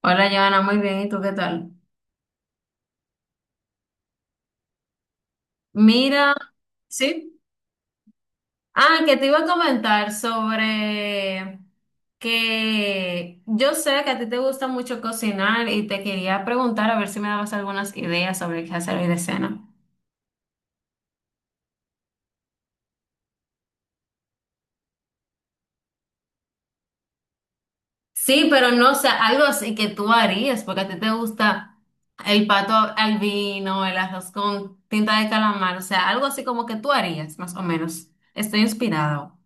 Hola, Joana, muy bien. ¿Y tú qué tal? Mira, sí. Ah, que te iba a comentar sobre que yo sé que a ti te gusta mucho cocinar y te quería preguntar a ver si me dabas algunas ideas sobre qué hacer hoy de cena. Sí, pero no sé, algo así que tú harías, porque a ti te gusta el pato al vino, el arroz con tinta de calamar, o sea, algo así como que tú harías, más o menos. Estoy inspirada.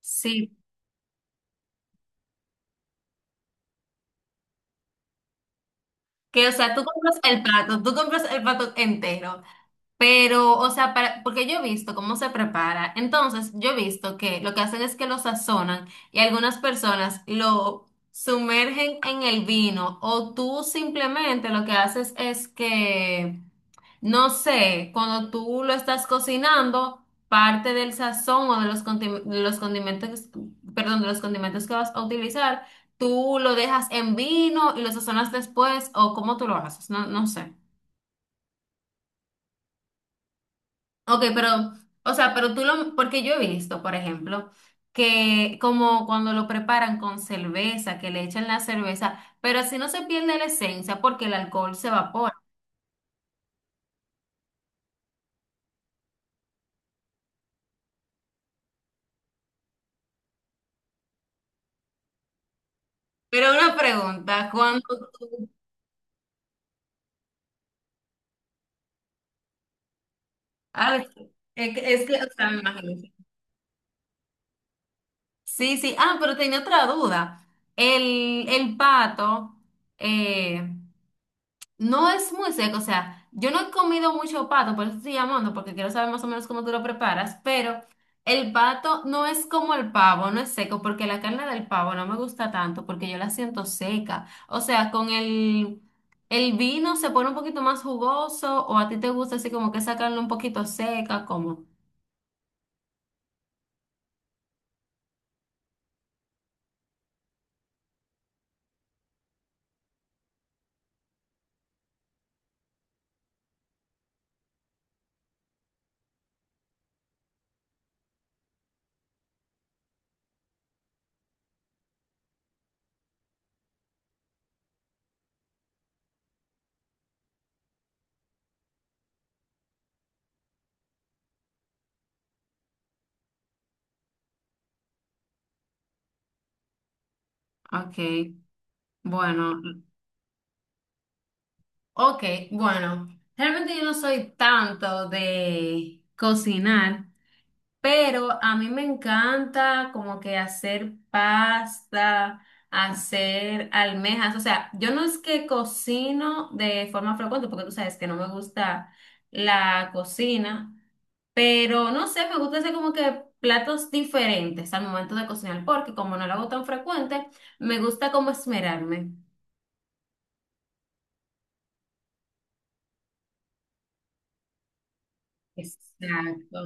Sí. Que, o sea, tú compras el plato, tú compras el plato entero, pero, o sea, para, porque yo he visto cómo se prepara. Entonces, yo he visto que lo que hacen es que lo sazonan y algunas personas lo sumergen en el vino o tú simplemente lo que haces es que no sé, cuando tú lo estás cocinando, parte del sazón o de los, de los condimentos, perdón, de los condimentos que vas a utilizar, tú lo dejas en vino y lo sazonas después o cómo tú lo haces, no, no sé. Ok, pero, o sea, pero tú lo, porque yo he visto, por ejemplo, que como cuando lo preparan con cerveza, que le echan la cerveza, pero así no se pierde la esencia porque el alcohol se evapora. Pero una pregunta, cuando... Ah, es que, o sea, me imagino. Sí, sí. Ah, pero tenía otra duda. El pato eh, no es muy seco, o sea, yo no he comido mucho pato, por eso estoy llamando, porque quiero saber más o menos cómo tú lo preparas, pero el pato no es como el pavo, no es seco, porque la carne del pavo no me gusta tanto, porque yo la siento seca. O sea, con el vino se pone un poquito más jugoso, o a ti te gusta así como que esa carne un poquito seca, como... Ok. Bueno. Ok, bueno, realmente yo no soy tanto de cocinar, pero a mí me encanta como que hacer pasta, hacer almejas, o sea, yo no es que cocino de forma frecuente, porque tú sabes que no me gusta la cocina, pero no sé, me gusta hacer como que platos diferentes al momento de cocinar, porque como no lo hago tan frecuente, me gusta como esmerarme. Exacto.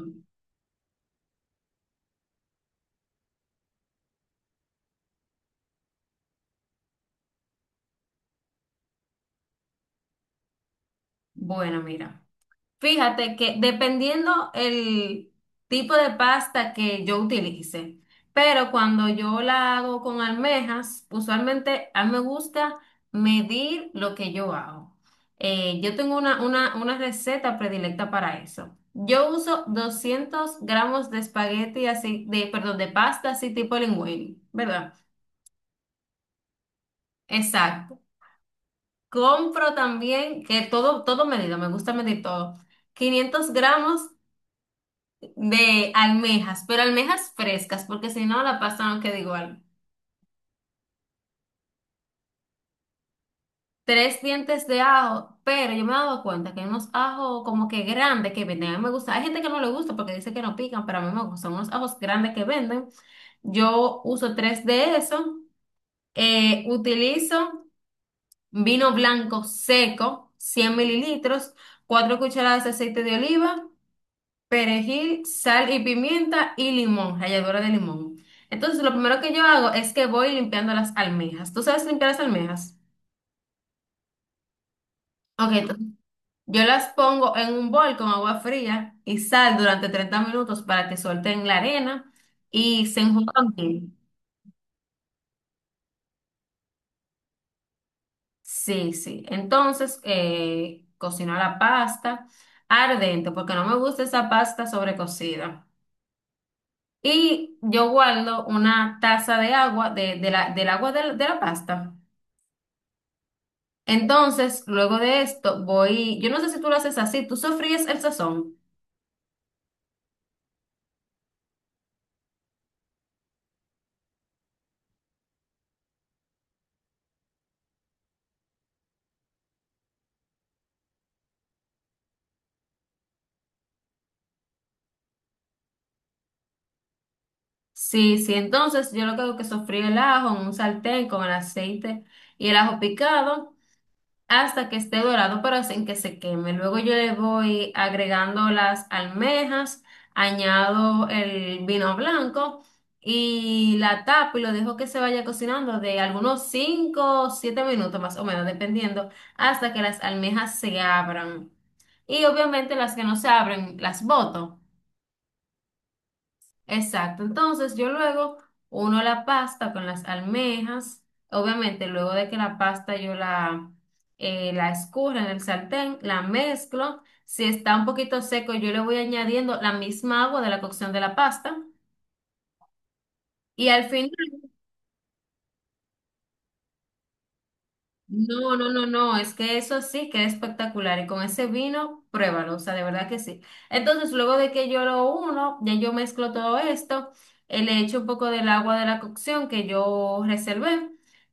Bueno, mira. Fíjate que dependiendo el tipo de pasta que yo utilice, pero cuando yo la hago con almejas, usualmente a mí me gusta medir lo que yo hago. Yo tengo una receta predilecta para eso. Yo uso 200 gramos de espagueti así, de, perdón, de pasta así tipo linguini, ¿verdad? Exacto. Compro también, que todo, todo medido, me gusta medir todo. 500 gramos de almejas, pero almejas frescas, porque si no la pasta no queda igual. Tres dientes de ajo, pero yo me he dado cuenta que hay unos ajos como que grandes que venden. A mí me gusta, hay gente que no le gusta porque dice que no pican, pero a mí me gustan unos ajos grandes que venden. Yo uso tres de esos. Utilizo vino blanco seco, 100 mililitros, 4 cucharadas de aceite de oliva, perejil, sal y pimienta y limón, ralladura de limón. Entonces, lo primero que yo hago es que voy limpiando las almejas. ¿Tú sabes limpiar las almejas? Ok, entonces, yo las pongo en un bol con agua fría y sal durante 30 minutos para que suelten la arena y se enjuguen bien. Sí, sí. Entonces, cocino la pasta ardente porque no me gusta esa pasta sobrecocida. Y yo guardo una taza de agua, del agua de la pasta. Entonces, luego de esto, voy, yo no sé si tú lo haces así, tú sofríes el sazón. Sí, sí, entonces yo lo que hago es que sofrí el ajo en un sartén con el aceite y el ajo picado, hasta que esté dorado, pero sin que se queme. Luego yo le voy agregando las almejas, añado el vino blanco y la tapo y lo dejo que se vaya cocinando de algunos 5 o 7 minutos más o menos, dependiendo, hasta que las almejas se abran. Y obviamente las que no se abren las boto. Exacto, entonces yo luego uno la pasta con las almejas, obviamente luego de que la pasta yo la, la escurra en el sartén, la mezclo, si está un poquito seco yo le voy añadiendo la misma agua de la cocción de la pasta y al final... No, no, no, no, es que eso sí que es espectacular y con ese vino, pruébalo, o sea, de verdad que sí. Entonces, luego de que yo lo uno, ya yo mezclo todo esto, le echo un poco del agua de la cocción que yo reservé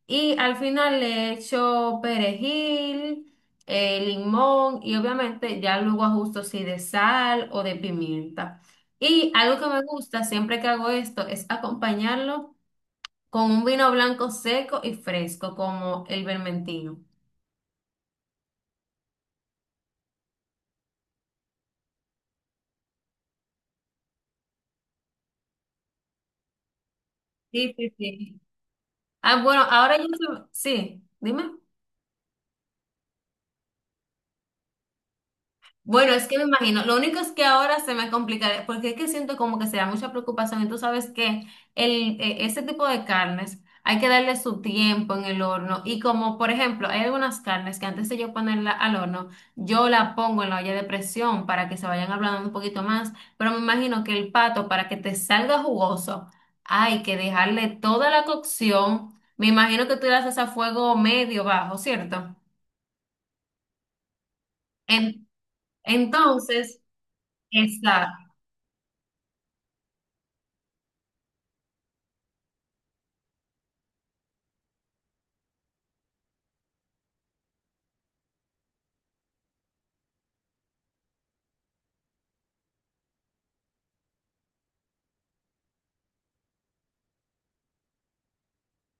y al final le echo perejil, limón y obviamente ya luego ajusto si de sal o de pimienta. Y algo que me gusta siempre que hago esto es acompañarlo con un vino blanco seco y fresco como el vermentino. Sí, sí, sí. Ah, bueno, ahora yo... Sí, dime. Bueno, es que me imagino, lo único es que ahora se me complicaría, porque es que siento como que será mucha preocupación y tú sabes que el, ese tipo de carnes hay que darle su tiempo en el horno y como por ejemplo hay algunas carnes que antes de yo ponerla al horno, yo la pongo en la olla de presión para que se vayan ablandando un poquito más, pero me imagino que el pato para que te salga jugoso hay que dejarle toda la cocción, me imagino que tú la haces a fuego medio bajo, ¿cierto? En- entonces... Exacto.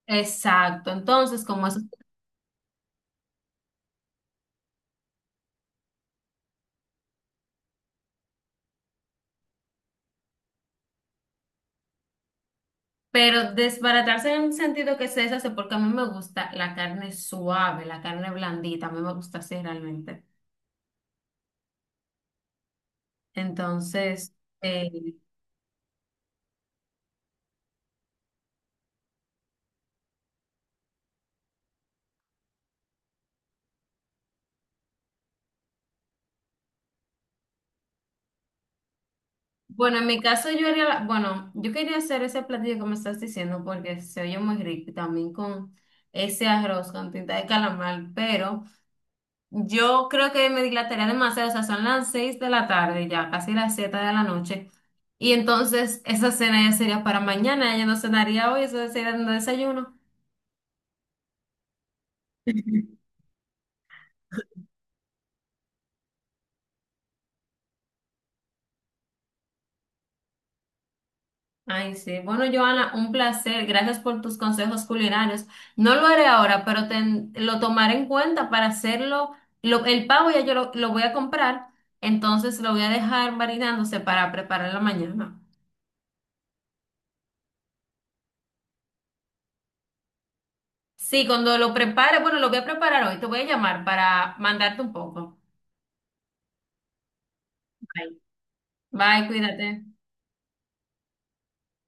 Exacto, entonces como eso, pero desbaratarse en un sentido que se deshace porque a mí me gusta la carne suave, la carne blandita, a mí me gusta así realmente. Entonces, eh, bueno, en mi caso yo haría, bueno, yo quería hacer ese platillo que me estás diciendo porque se oye muy rico y también con ese arroz con tinta de calamar, pero yo creo que me dilataría demasiado, o sea, son las 6 de la tarde ya, casi las 7 de la noche. Y entonces esa cena ya sería para mañana, ella no cenaría hoy, eso sería un desayuno. Ay, sí. Bueno, Joana, un placer. Gracias por tus consejos culinarios. No lo haré ahora, pero lo tomaré en cuenta para hacerlo. El pavo ya yo lo voy a comprar, entonces lo voy a dejar marinándose para preparar la mañana. Sí, cuando lo prepare, bueno, lo voy a preparar hoy, te voy a llamar para mandarte un poco. Bye. Bye, cuídate.